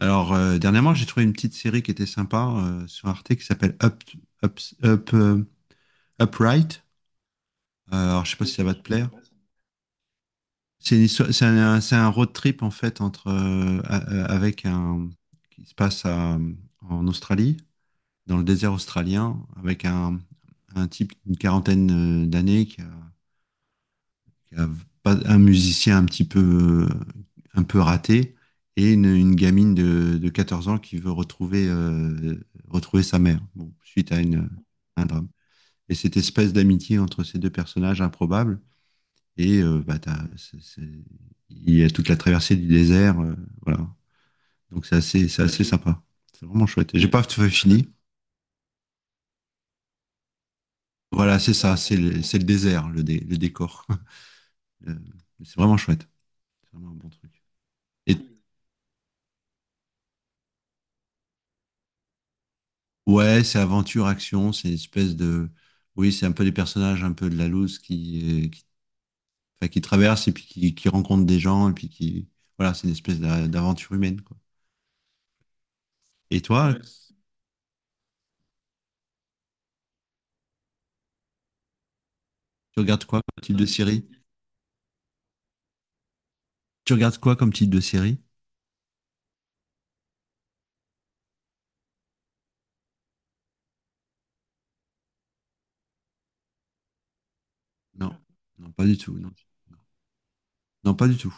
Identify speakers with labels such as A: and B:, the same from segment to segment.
A: Alors, dernièrement, j'ai trouvé une petite série qui était sympa sur Arte qui s'appelle Up, Up, euh, Upright. Alors, je sais pas si ça va te plaire. C'est une histoire- c'est un road trip en fait avec un qui se passe à- en Australie, dans le désert australien, avec un type d'une quarantaine d'années qui a un musicien un petit peu, un peu raté et une gamine de 14 ans qui veut retrouver, retrouver sa mère bon, suite à un drame. Et cette espèce d'amitié entre ces deux personnages improbables, et bah, il y a toute la traversée du désert, voilà. Donc c'est assez sympa. C'est vraiment chouette. J'ai pas tout fini. Voilà, c'est ça, c'est le désert, le décor. Euh, C'est vraiment chouette. C'est vraiment un bon truc. Et ouais, c'est aventure, action, c'est une espèce de... Oui, c'est un peu des personnages un peu de la loose qui, qui traversent et puis qui rencontrent des gens et puis qui... Voilà, c'est une espèce d'aventure humaine, quoi. Et toi, tu regardes quoi comme type de série? Tu regardes quoi comme type de série? Non, non, pas du tout, non. Non, pas du tout.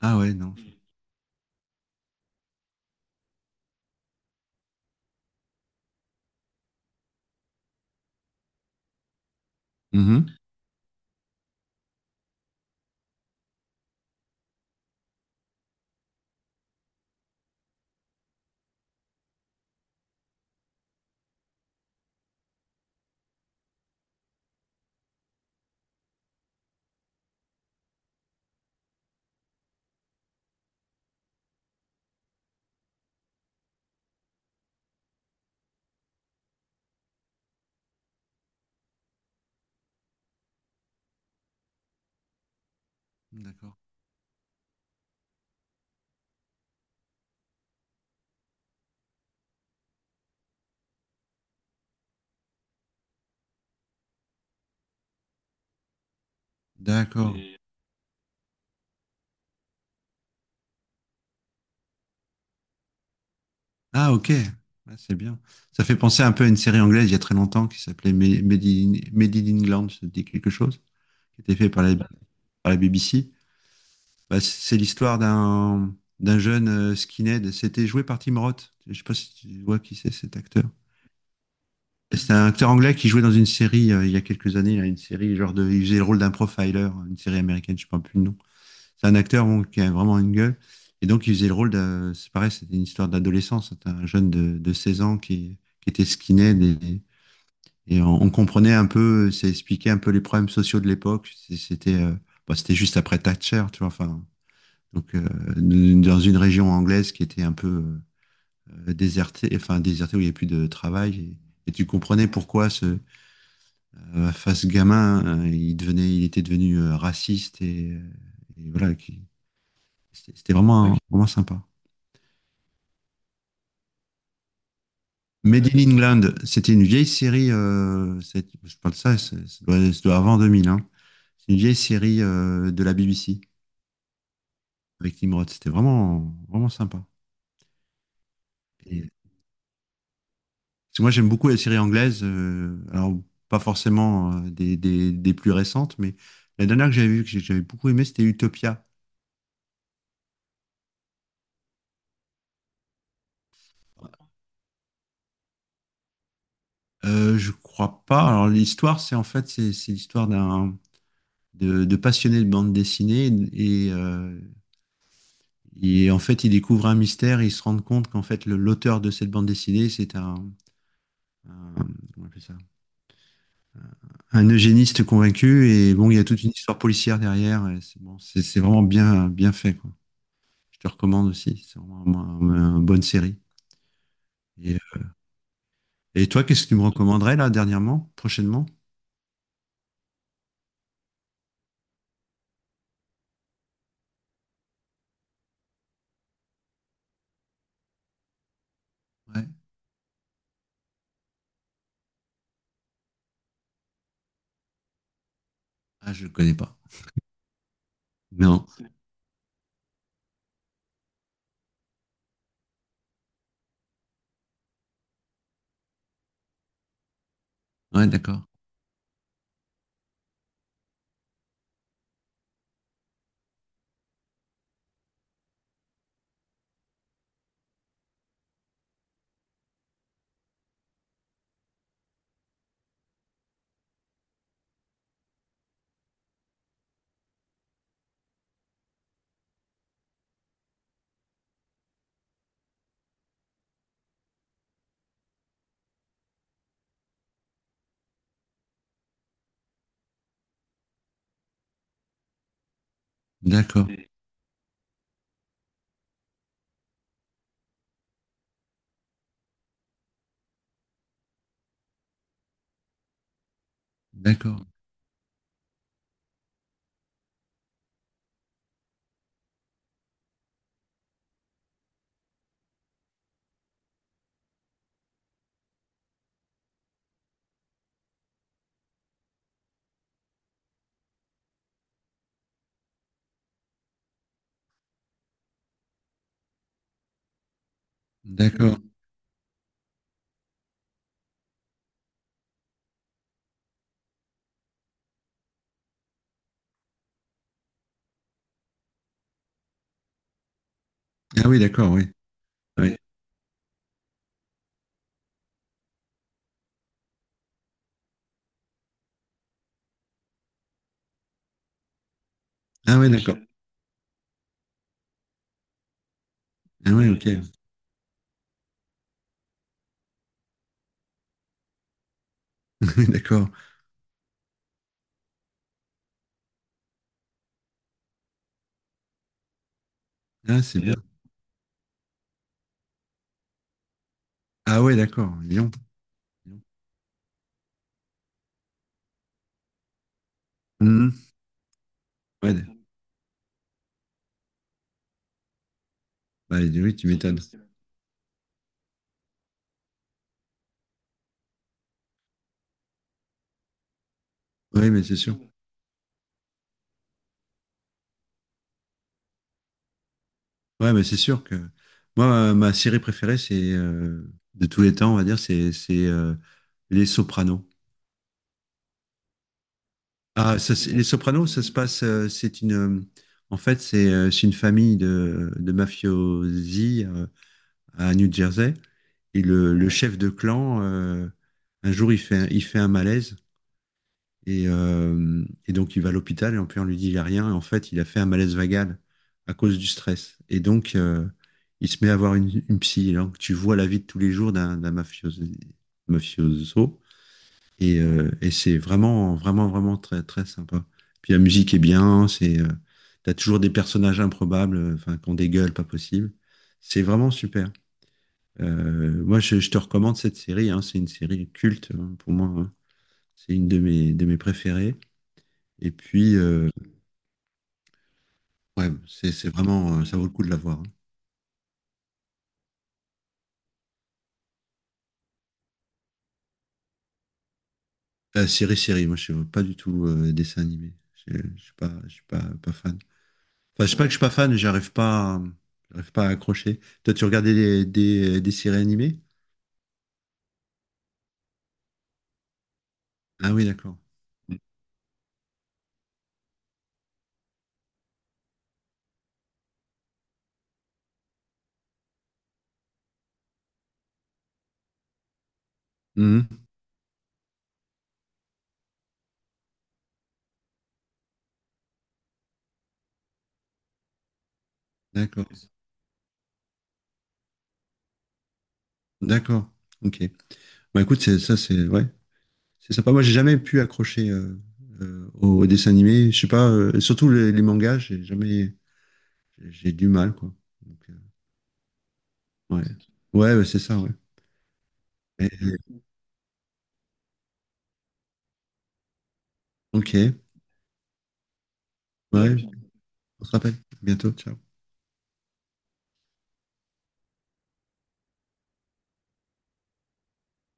A: Ah ouais, non. Mhm. D'accord. D'accord. Et... Ah, ok. Ah, c'est bien. Ça fait penser un peu à une série anglaise il y a très longtemps qui s'appelait Made in England, ça te dit quelque chose? Qui était fait par les, à la BBC. Bah, c'est l'histoire d'un jeune skinhead. C'était joué par Tim Roth. Je sais pas si tu vois qui c'est cet acteur. C'est un acteur anglais qui jouait dans une série il y a quelques années, là, une série genre de, il faisait le rôle d'un profiler, une série américaine, je ne sais pas plus le nom. C'est un acteur bon, qui a vraiment une gueule. Et donc il faisait le rôle de, c'est pareil, c'était une histoire d'adolescence. C'était un jeune de 16 ans qui était skinhead et, on comprenait un peu, ça expliquait un peu les problèmes sociaux de l'époque. C'était, bah, c'était juste après Thatcher, tu vois. Enfin, donc dans une région anglaise qui était un peu désertée, enfin désertée où il n'y avait plus de travail. Et tu comprenais pourquoi ce face gamin, il était devenu raciste et voilà, c'était vraiment sympa. Made in England, c'était une vieille série. Je parle de ça, ça doit avant 2000. Hein. C'est une vieille série de la BBC avec Tim Roth. C'était vraiment sympa. Et, parce que moi, j'aime beaucoup les séries anglaises. Alors, pas forcément des plus récentes, mais la dernière que j'avais vue, j'avais beaucoup aimé, c'était Utopia. Je crois pas. Alors, l'histoire, c'est en fait, c'est l'histoire d'un de passionné de bande dessinée. Et, euh, et en fait, il découvre un mystère et il se rend compte qu'en fait, l'auteur de cette bande dessinée, c'est un, comment on appelle ça un eugéniste convaincu. Et bon, il y a toute une histoire policière derrière. Et c'est bon, c'est vraiment bien, bien fait, quoi. Je te recommande aussi. C'est vraiment une bonne série. Et, euh, et toi, qu'est-ce que tu me recommanderais là, dernièrement, prochainement? Ouais. Ah, je ne connais pas. Non. Ouais, d'accord. D'accord. D'accord. D'accord. Ah oui, d'accord, oui. Ah oui. Ah oui, d'accord. Ah oui, ok. Oui, d'accord. Ah, c'est bien. Ah oui, d'accord. Lyon. Mhm. Ouais. Bah, oui, tu m'étonnes. Oui, mais c'est sûr. Ouais, mais c'est sûr que moi, ma série préférée, c'est de tous les temps, on va dire, c'est Les Sopranos. Ah, ça, c'est- les Sopranos, ça se passe. C'est une, en fait, c'est une famille de mafiosi à New Jersey. Et le chef de clan, un jour, il fait un malaise. Et donc, il va à l'hôpital et en plus, on lui dit, il a rien. Et en fait, il a fait un malaise vagal à cause du stress. Et donc, il se met à avoir une psy. Et donc, tu vois la vie de tous les jours d'un mafioso. Et c'est vraiment très, très sympa. Puis la musique est bien, t'as toujours des personnages improbables, enfin, qui ont des gueules pas possibles. C'est vraiment super. Moi, je te recommande cette série, hein. C'est une série culte, hein, pour moi, hein. C'est une de mes préférées. Et puis, ouais, c'est vraiment, ça vaut le coup de la voir, hein. Série, moi, je suis pas du tout dessin animé. Je suis pas fan. Enfin, c'est pas que je suis pas fan, mais j'arrive pas à accrocher. Toi, tu regardais des séries animées? Ah oui, d'accord. Mhm. D'accord. D'accord. Ok. Bah écoute, c'est ça, c'est ouais, c'est sympa. Moi, j'ai jamais pu accrocher au, au dessin animé. Je sais pas, surtout les mangas, j'ai jamais, j'ai du mal quoi. Donc, ouais, ouais, bah, c'est ça, ouais. Et... ok, ouais. On se rappelle. À bientôt. Ciao.